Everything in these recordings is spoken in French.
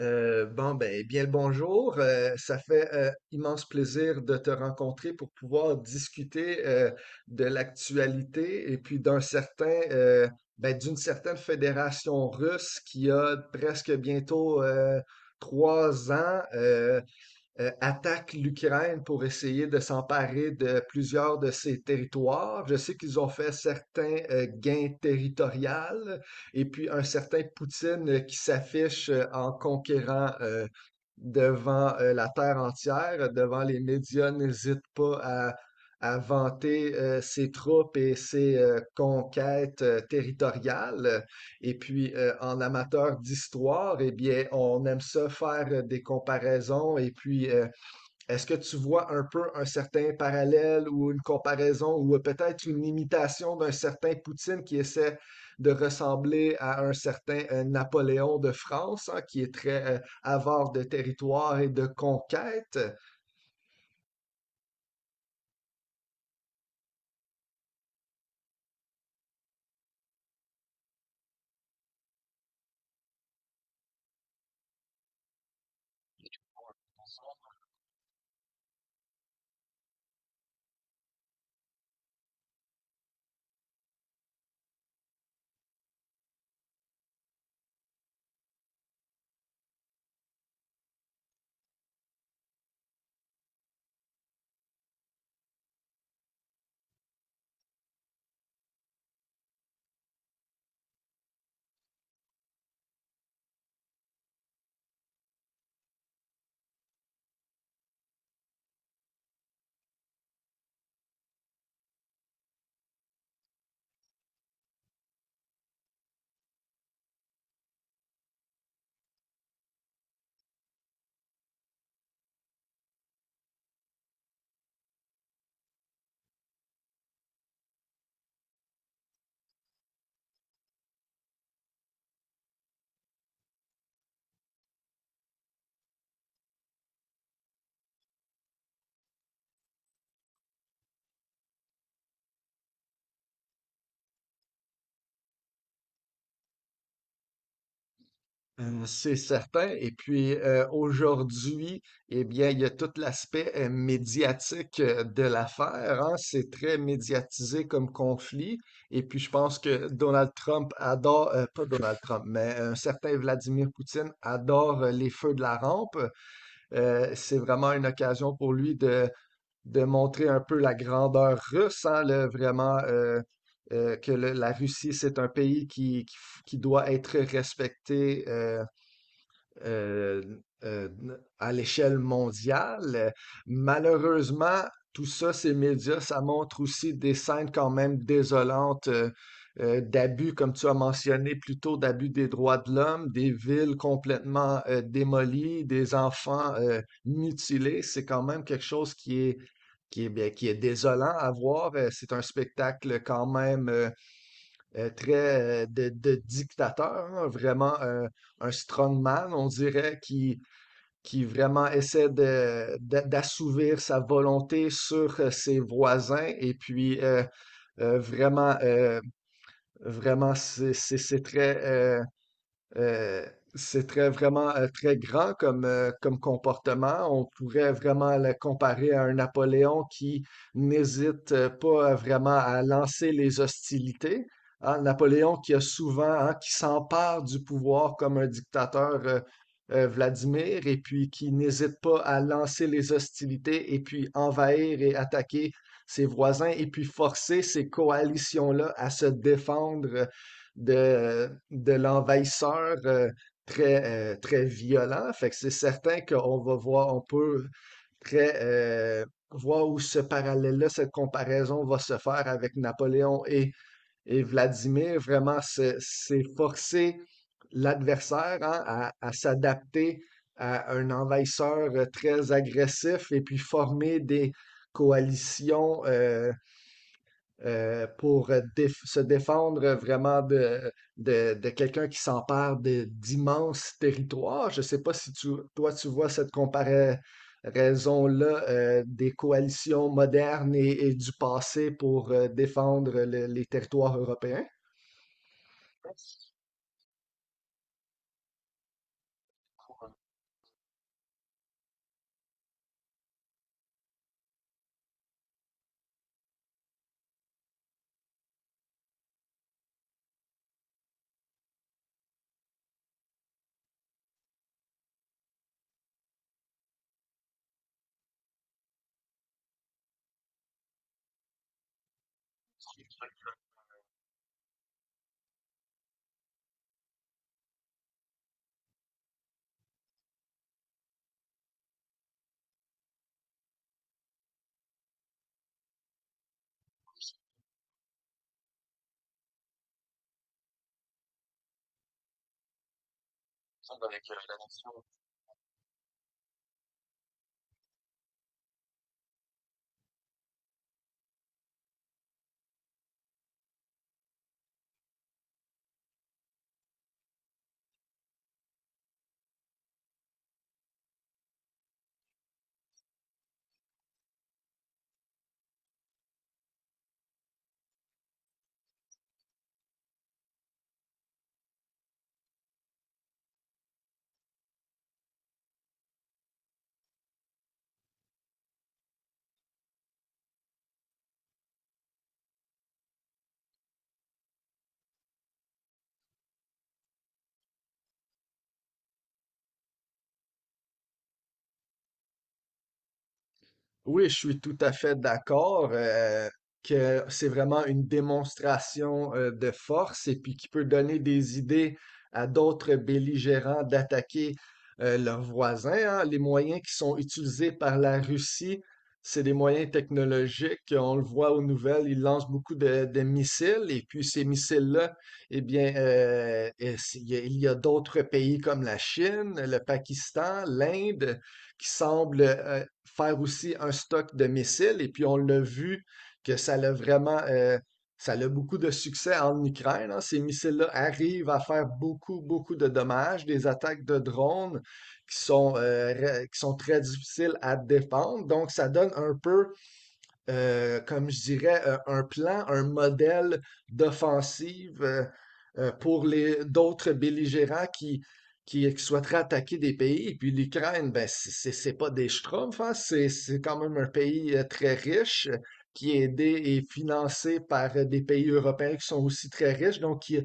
Bien le bonjour. Ça fait immense plaisir de te rencontrer pour pouvoir discuter de l'actualité et puis d'un certain, d'une certaine fédération russe qui a presque bientôt trois ans. Attaque l'Ukraine pour essayer de s'emparer de plusieurs de ses territoires. Je sais qu'ils ont fait certains gains territoriaux et puis un certain Poutine qui s'affiche en conquérant devant la terre entière, devant les médias, n'hésite pas à vanter ses troupes et ses conquêtes territoriales. Et puis, en amateur d'histoire, eh bien, on aime ça faire des comparaisons. Et puis, est-ce que tu vois un peu un certain parallèle ou une comparaison ou peut-être une imitation d'un certain Poutine qui essaie de ressembler à un certain Napoléon de France, hein, qui est très avare de territoire et de conquête? C'est certain. Et puis aujourd'hui, eh bien, il y a tout l'aspect médiatique de l'affaire, hein. C'est très médiatisé comme conflit. Et puis je pense que Donald Trump adore, pas Donald Trump, mais un certain Vladimir Poutine adore les feux de la rampe. C'est vraiment une occasion pour lui de montrer un peu la grandeur russe, hein, vraiment que la Russie, c'est un pays qui doit être respecté, euh, euh, à l'échelle mondiale. Malheureusement, tout ça, ces médias, ça montre aussi des scènes quand même désolantes d'abus, comme tu as mentionné plus tôt, d'abus des droits de l'homme, des villes complètement démolies, des enfants mutilés. C'est quand même quelque chose qui est désolant à voir. C'est un spectacle quand même, très de dictateur, hein, vraiment un strongman, on dirait, qui vraiment essaie d'assouvir sa volonté sur ses voisins. Et puis, euh, vraiment, euh, vraiment, c'est euh, c'est très vraiment très grand comme, comme comportement. On pourrait vraiment le comparer à un Napoléon qui n'hésite pas à vraiment à lancer les hostilités. Hein, Napoléon qui a souvent, hein, qui s'empare du pouvoir comme un dictateur Vladimir et puis qui n'hésite pas à lancer les hostilités et puis envahir et attaquer ses voisins et puis forcer ces coalitions-là à se défendre de l'envahisseur très, très violent. Fait que c'est certain qu'on va voir, on peut très voir où ce parallèle-là, cette comparaison va se faire avec Napoléon et Vladimir. Vraiment, c'est forcer l'adversaire hein, à s'adapter à un envahisseur très agressif et puis former des coalitions pour se défendre vraiment de quelqu'un qui s'empare d'immenses territoires. Je ne sais pas si toi, tu vois cette comparaison-là des coalitions modernes et du passé pour défendre les territoires européens. Oui, je suis tout à fait d'accord que c'est vraiment une démonstration de force et puis qui peut donner des idées à d'autres belligérants d'attaquer leurs voisins, hein. Les moyens qui sont utilisés par la Russie, c'est des moyens technologiques. On le voit aux nouvelles, ils lancent beaucoup de missiles et puis ces missiles-là, eh bien, il y a d'autres pays comme la Chine, le Pakistan, l'Inde, qui semble faire aussi un stock de missiles. Et puis, on l'a vu que ça l'a ça a beaucoup de succès en Ukraine, hein. Ces missiles-là arrivent à faire beaucoup, beaucoup de dommages, des attaques de drones qui qui sont très difficiles à défendre. Donc, ça donne un peu comme je dirais, un plan, un modèle d'offensive pour les d'autres belligérants qui souhaiteraient attaquer des pays. Et puis l'Ukraine, ben, c'est pas des schtroumpfs, hein, c'est quand même un pays très riche qui est aidé et financé par des pays européens qui sont aussi très riches, donc qui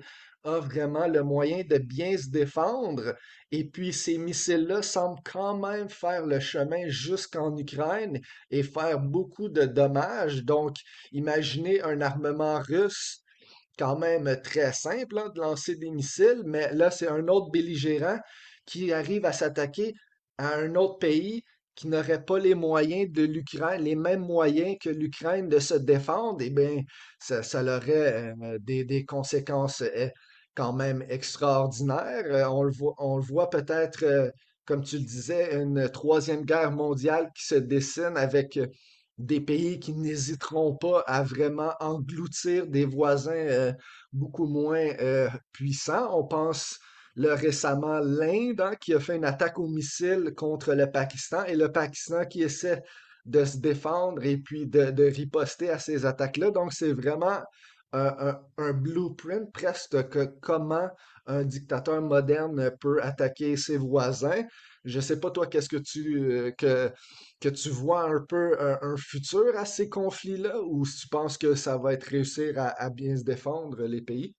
a vraiment le moyen de bien se défendre. Et puis ces missiles-là semblent quand même faire le chemin jusqu'en Ukraine et faire beaucoup de dommages. Donc, imaginez un armement russe quand même très simple hein, de lancer des missiles, mais là, c'est un autre belligérant qui arrive à s'attaquer à un autre pays qui n'aurait pas les moyens de l'Ukraine, les mêmes moyens que l'Ukraine de se défendre, eh bien, ça aurait des conséquences quand même extraordinaires. On le voit comme tu le disais, une troisième guerre mondiale qui se dessine avec des pays qui n'hésiteront pas à vraiment engloutir des voisins beaucoup moins puissants. On pense le récemment l'Inde hein, qui a fait une attaque au missile contre le Pakistan et le Pakistan qui essaie de se défendre et puis de riposter à ces attaques-là. Donc c'est vraiment blueprint presque que comment un dictateur moderne peut attaquer ses voisins. Je ne sais pas toi, qu'est-ce que tu vois un peu un futur à ces conflits-là, ou si tu penses que ça va être réussir à bien se défendre, les pays?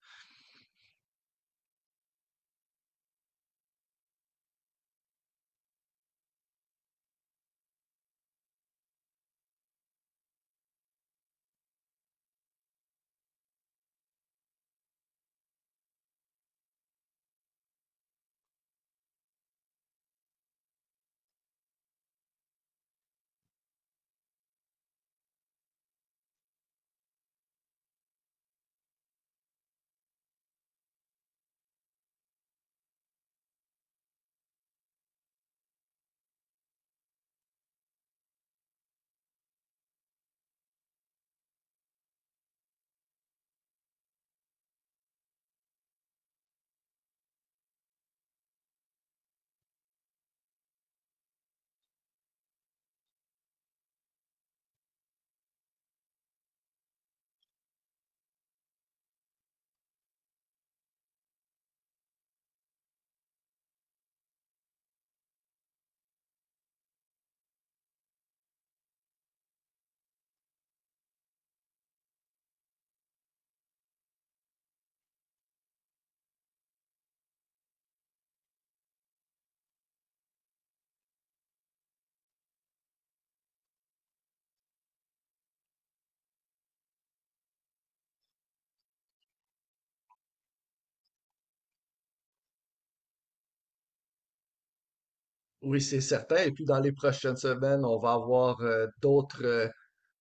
Oui, c'est certain. Et puis dans les prochaines semaines, on va avoir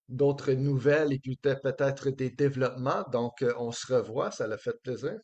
d'autres nouvelles et puis peut-être des développements. Donc, on se revoit. Ça l'a fait plaisir.